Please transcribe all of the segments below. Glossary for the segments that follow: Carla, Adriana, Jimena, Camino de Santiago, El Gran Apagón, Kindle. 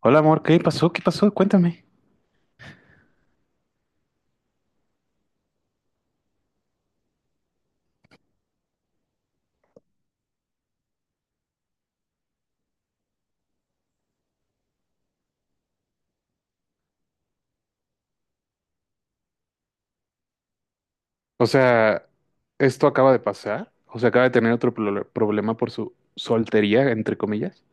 Hola amor, ¿qué pasó? ¿Qué pasó? Cuéntame. O sea, esto acaba de pasar. O sea, acaba de tener problema por su soltería, entre comillas.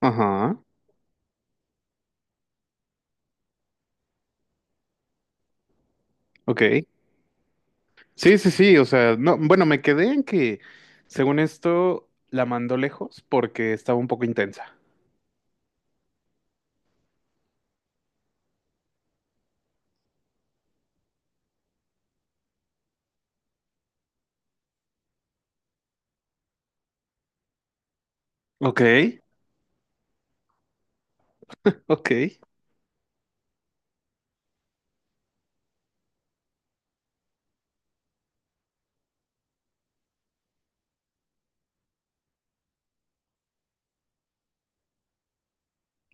Ajá, ok. Sí. O sea, no, bueno, me quedé en que, según esto, la mandó lejos porque estaba un poco intensa. Ok. Ok,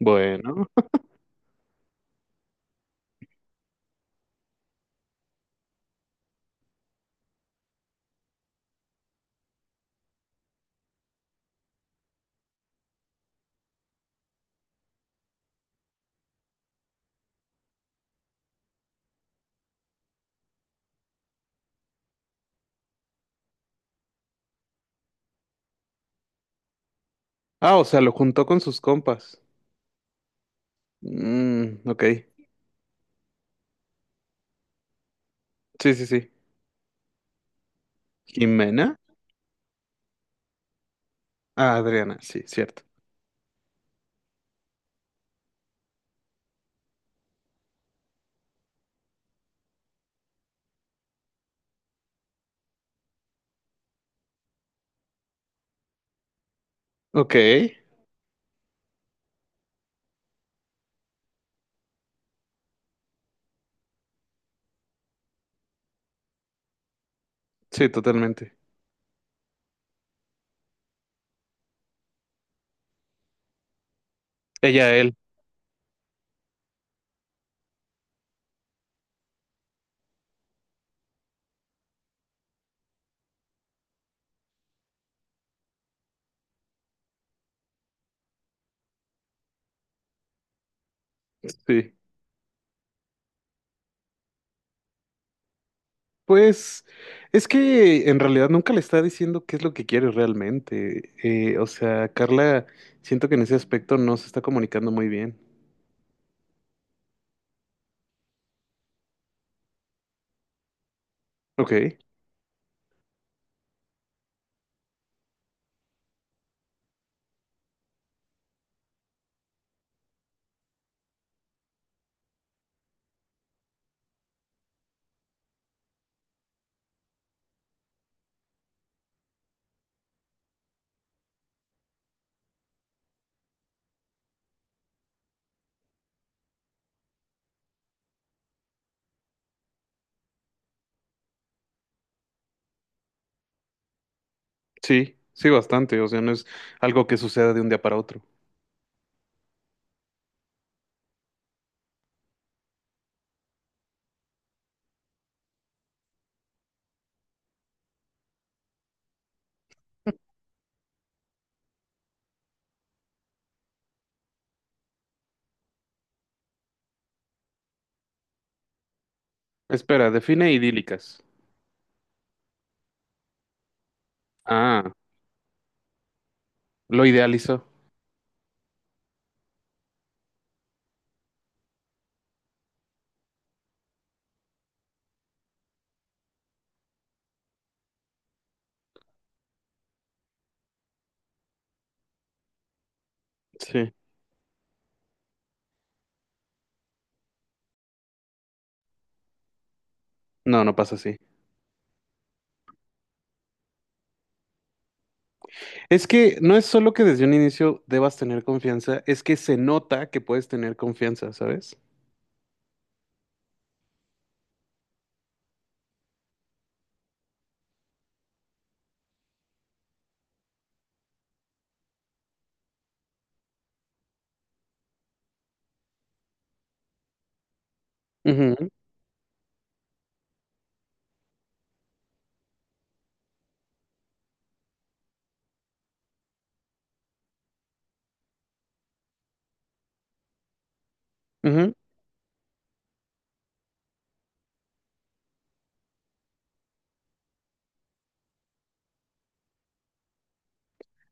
bueno. Ah, o sea, lo juntó con sus compas. Mm, ok. Sí, sí, sí. Jimena. Ah, Adriana, sí, cierto. Ok, sí, totalmente. Ella, él. Sí. Pues es que en realidad nunca le está diciendo qué es lo que quiere realmente. O sea, Carla, siento que en ese aspecto no se está comunicando muy bien. Ok, sí, sí, bastante. O sea, no es algo que suceda de un día para otro. Espera, define idílicas. Ah, lo idealizó. Sí. No, no pasa así. Es que no es solo que desde un inicio debas tener confianza, es que se nota que puedes tener confianza, ¿sabes? Ujú, ujú.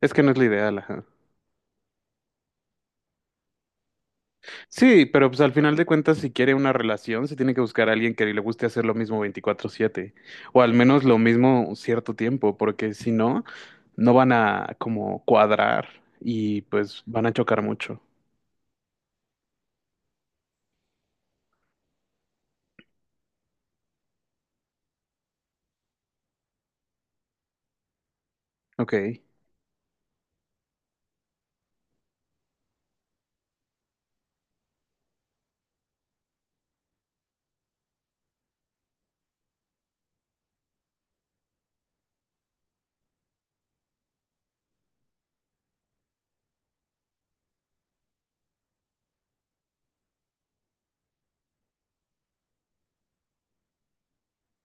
Es que no es lo ideal, ajá. Sí, pero pues al final de cuentas, si quiere una relación, se tiene que buscar a alguien que le guste hacer lo mismo 24/7, o al menos lo mismo un cierto tiempo, porque si no, no van a como cuadrar y pues van a chocar mucho. Ok.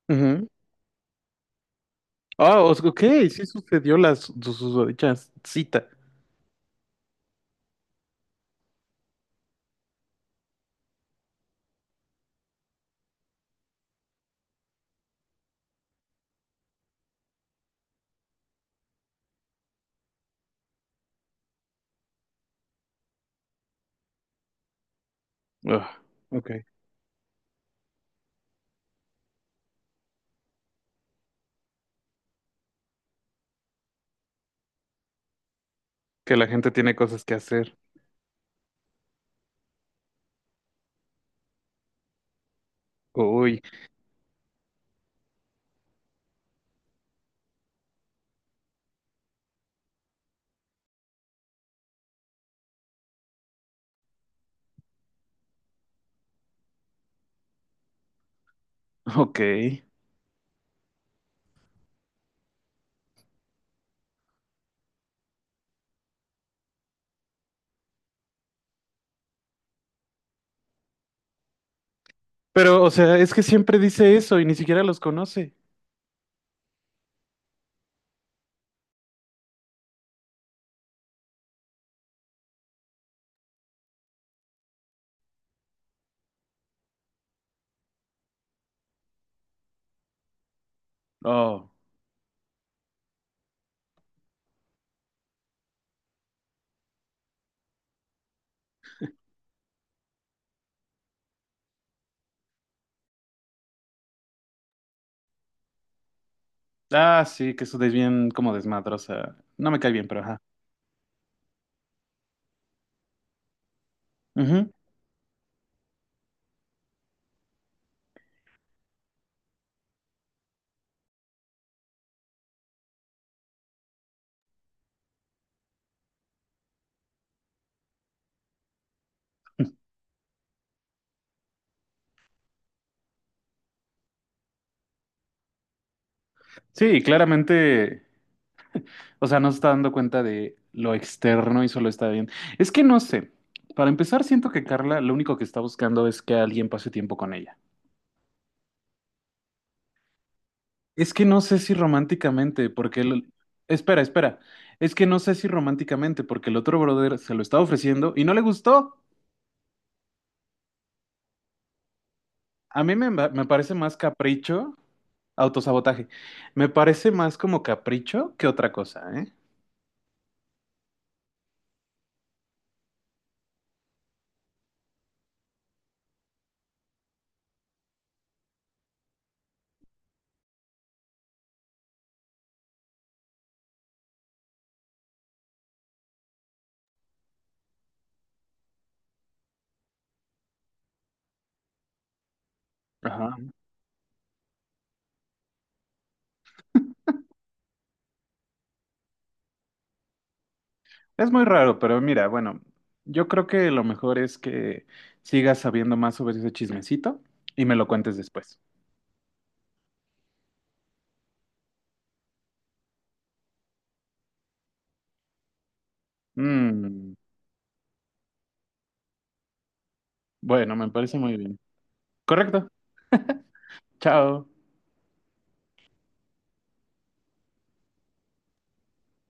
Ujú. Ok, sí sucedió la susodicha cita. Ugh, ok. Que la gente tiene cosas que hacer. Uy, ok. Pero, o sea, es que siempre dice eso y ni siquiera los conoce. Oh. Ah, sí, que eso es bien como desmadrosa. No me cae bien, pero ajá. Ujú. Sí, claramente, o sea, no se está dando cuenta de lo externo y solo está bien. Es que no sé. Para empezar, siento que Carla lo único que está buscando es que alguien pase tiempo con ella. Es que no sé si románticamente, porque el... Espera, espera. Es que no sé si románticamente, porque el otro brother se lo está ofreciendo y no le gustó. A mí me parece más capricho, autosabotaje. Me parece más como capricho que otra cosa, ¿eh? Ajá. Es muy raro, pero mira, bueno, yo creo que lo mejor es que sigas sabiendo más sobre ese chismecito y me lo cuentes después. Mm, bueno, me parece muy bien. Correcto. Chao.